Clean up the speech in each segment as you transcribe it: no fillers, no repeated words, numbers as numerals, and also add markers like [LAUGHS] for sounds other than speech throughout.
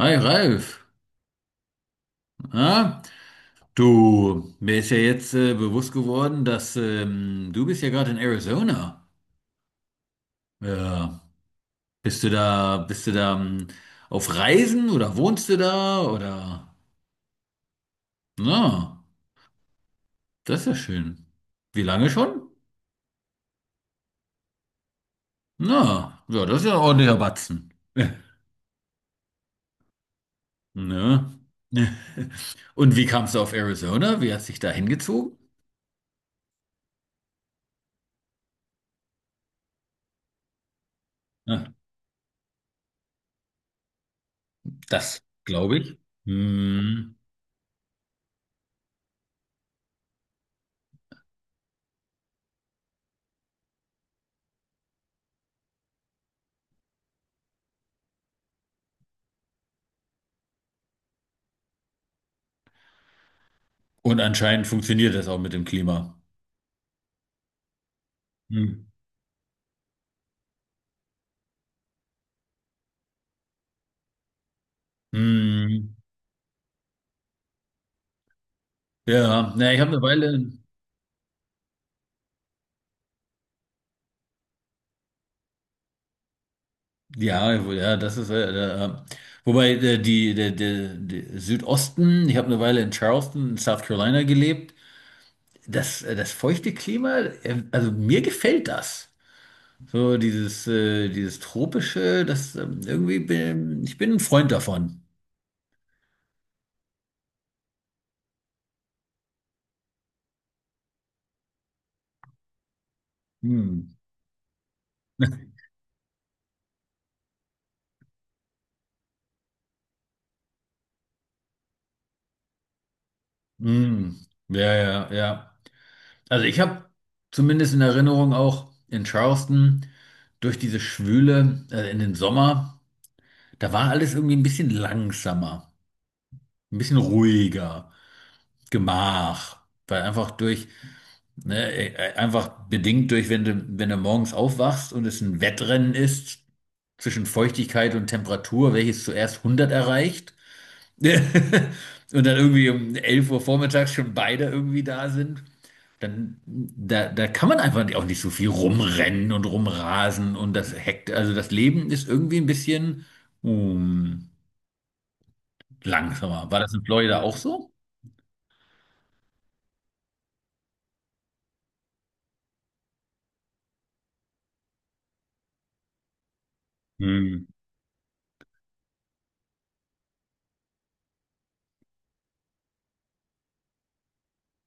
Hi Ralf, na? Du, mir ist ja jetzt bewusst geworden, dass du bist ja gerade in Arizona. Ja. Bist du da auf Reisen oder wohnst du da oder? Na, das ist ja schön. Wie lange schon? Na, ja, das ist ja ein ordentlicher Batzen. [LAUGHS] Ne? Und wie kamst du auf Arizona? Wie hast dich da hingezogen? Ja, das glaube ich. Hm. Und anscheinend funktioniert das auch mit dem Klima. Hm. Hm. Ja, na, ich habe eine Weile, ja, ja, das ist, wobei die, der Südosten, ich habe eine Weile in Charleston, in South Carolina gelebt. Das feuchte Klima, also mir gefällt das. So dieses tropische, das irgendwie ich bin ein Freund davon. Hm. Hm. Ja, ja, ja. Also ich habe zumindest in Erinnerung auch in Charleston durch diese Schwüle, in den Sommer. Da war alles irgendwie ein bisschen langsamer, ein bisschen ruhiger, Gemach, weil einfach durch, ne, einfach bedingt durch, wenn du morgens aufwachst und es ein Wettrennen ist zwischen Feuchtigkeit und Temperatur, welches zuerst 100 erreicht [LAUGHS] und dann irgendwie um 11 Uhr vormittags schon beide irgendwie da sind, dann da kann man einfach auch nicht so viel rumrennen und rumrasen und das hekt, also das Leben ist irgendwie ein bisschen, mm, langsamer. War das in Florida auch so? Hm.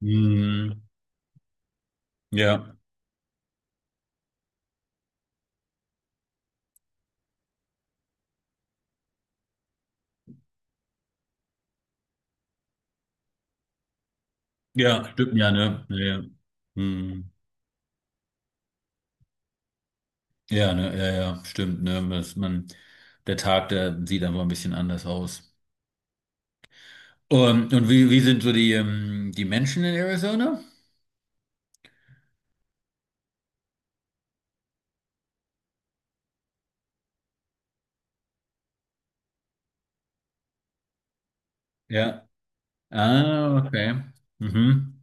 Hm. Ja, ja, stimmt ja, ne? Ja, ja. Hm. Ja, ne, ja, ja, stimmt, ne? Dass man, der Tag, der sieht einfach ein bisschen anders aus. Und wie sind so die, die Menschen in Arizona? Ja. Ah, okay. Mhm.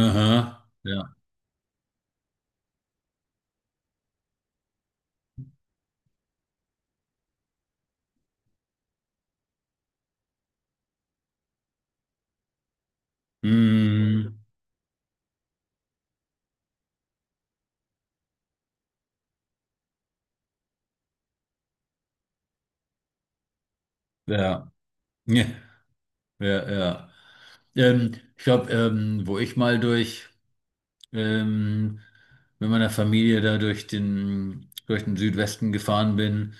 Aha. Ja. Hm. Ja. Ja, ja, ja. Ich glaube, wo ich mal durch. ähm, mit meiner Familie da durch den Südwesten gefahren bin.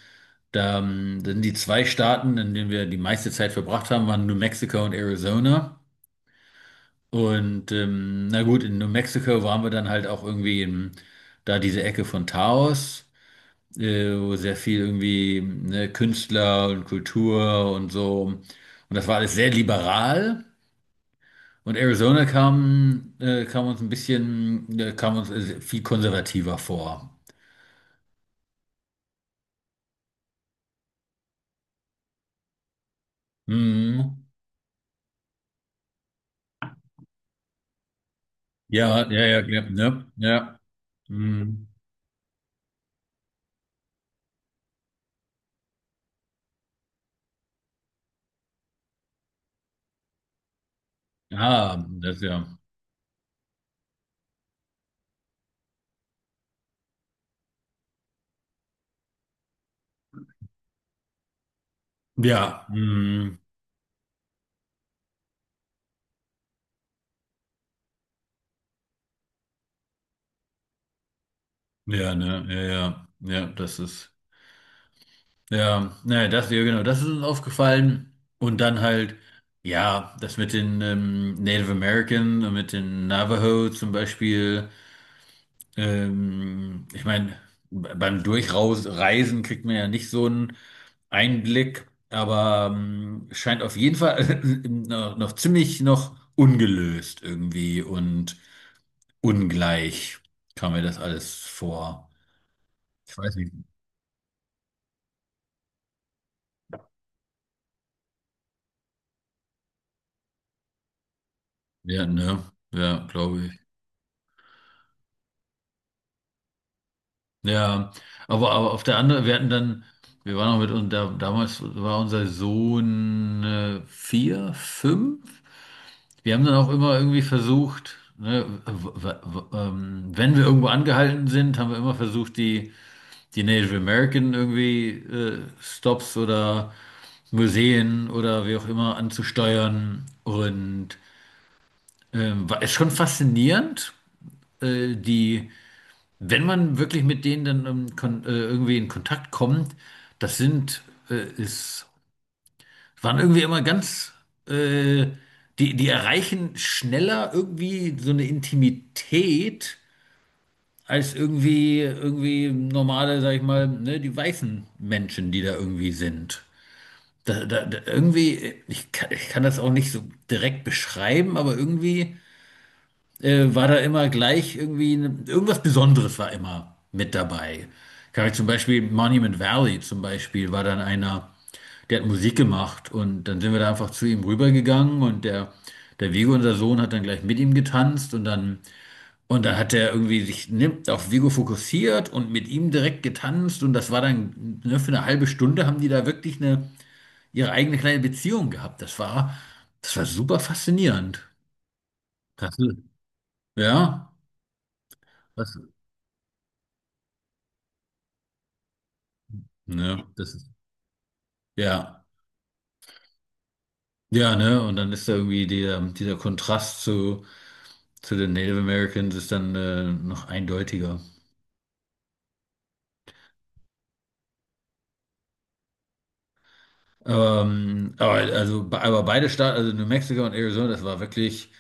Da sind die zwei Staaten, in denen wir die meiste Zeit verbracht haben, waren New Mexico und Arizona. Und na gut, in New Mexico waren wir dann halt auch irgendwie in, da diese Ecke von Taos, wo sehr viel irgendwie ne, Künstler und Kultur und so. Und das war alles sehr liberal. Und Arizona kam uns ein bisschen, kam uns viel konservativer vor. Mhm. Ja, ja, ja, ja, ne? Ja. Mhm. Ah, das ja. Ja. Mhm. Ja, ne, ja, ja. Ja, das ist. Ja, naja, das, ja, genau, das ist uns aufgefallen. Und dann halt, ja, das mit den Native American und mit den Navajo zum Beispiel. Ich meine, beim Durchreisen kriegt man ja nicht so einen Einblick, aber scheint auf jeden Fall [LAUGHS] noch ziemlich noch ungelöst irgendwie und ungleich kam mir das alles vor. Ich weiß nicht. Ja, ne? Ja, glaube ich. Ja, aber auf der anderen, wir hatten dann, wir waren auch mit uns, da, damals war unser Sohn 4, 5. Wir haben dann auch immer irgendwie versucht, ne, wenn wir irgendwo angehalten sind, haben wir immer versucht, die Native American irgendwie Stops oder Museen oder wie auch immer anzusteuern. Und ist schon faszinierend, die. Wenn man wirklich mit denen dann kon irgendwie in Kontakt kommt, das sind, ist, waren irgendwie immer ganz, äh, die erreichen schneller irgendwie so eine Intimität als irgendwie normale, sag ich mal, ne, die weißen Menschen, die da irgendwie sind. Da, irgendwie, ich kann das auch nicht so direkt beschreiben, aber irgendwie. War da immer gleich irgendwie ne, irgendwas Besonderes war immer mit dabei. Kann ich zum Beispiel Monument Valley zum Beispiel war dann einer, der hat Musik gemacht und dann sind wir da einfach zu ihm rübergegangen und der Vigo, unser Sohn, hat dann gleich mit ihm getanzt und dann hat er irgendwie sich ne, auf Vigo fokussiert und mit ihm direkt getanzt und das war dann ne, für eine halbe Stunde haben die da wirklich eine ihre eigene kleine Beziehung gehabt. Das war super faszinierend. Das, ja, was, ne, das ist, ja, ja, ne, und dann ist da irgendwie dieser Kontrast zu den Native Americans ist dann noch eindeutiger. Aber, also, aber beide Staaten, also New Mexico und Arizona, das war wirklich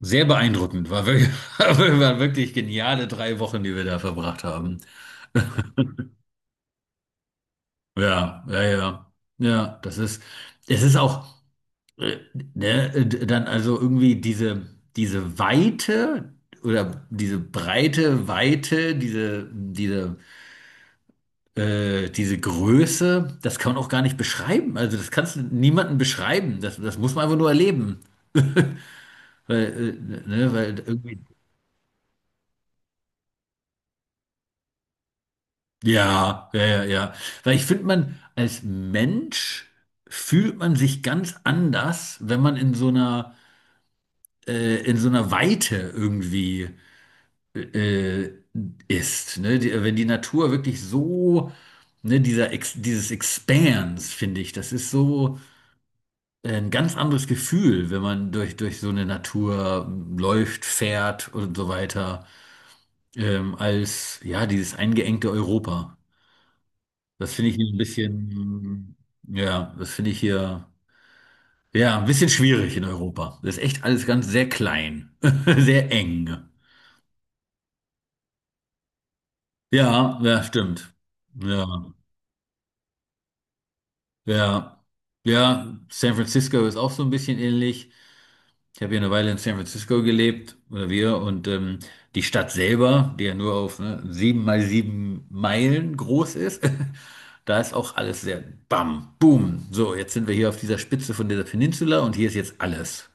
sehr beeindruckend. War wirklich, [LAUGHS] waren wirklich geniale 3 Wochen, die wir da verbracht haben. Ja, ja, ja. Ja, das ist, es ist auch. äh, ne, dann also irgendwie diese Weite oder diese breite Weite, diese Größe, das kann man auch gar nicht beschreiben. Also das kannst du niemandem beschreiben. Das muss man einfach nur erleben. [LAUGHS] Weil irgendwie, ja, ja, ja, ja. Weil ich finde, man als Mensch fühlt man sich ganz anders, wenn man in so einer Weite irgendwie. äh, ist. Ne? Wenn die Natur wirklich so, ne, dieses Expanse, finde ich, das ist so ein ganz anderes Gefühl, wenn man durch so eine Natur läuft, fährt und so weiter, als ja, dieses eingeengte Europa. Das finde ich hier ein bisschen, ja, das finde ich hier. Ja, ein bisschen schwierig in Europa. Das ist echt alles ganz sehr klein, [LAUGHS] sehr eng. Ja, ja, stimmt. Ja. Ja, ja, San Francisco ist auch so ein bisschen ähnlich. Ich habe ja eine Weile in San Francisco gelebt, oder wir, und die Stadt selber, die ja nur auf ne, 7 mal 7 Meilen groß ist, [LAUGHS] da ist auch alles sehr bam, boom. So, jetzt sind wir hier auf dieser Spitze von dieser Peninsula und hier ist jetzt alles.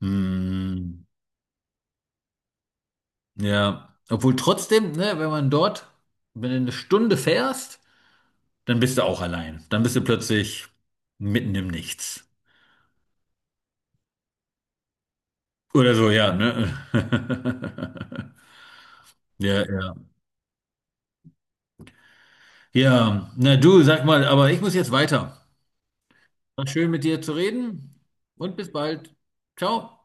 Hm, ja, obwohl trotzdem, ne, wenn man dort, wenn du eine Stunde fährst, dann bist du auch allein. Dann bist du plötzlich mitten im Nichts. Oder so, ja, ne? [LAUGHS] Ja, ja. Ja, na du, sag mal, aber ich muss jetzt weiter. War schön mit dir zu reden und bis bald. Ciao.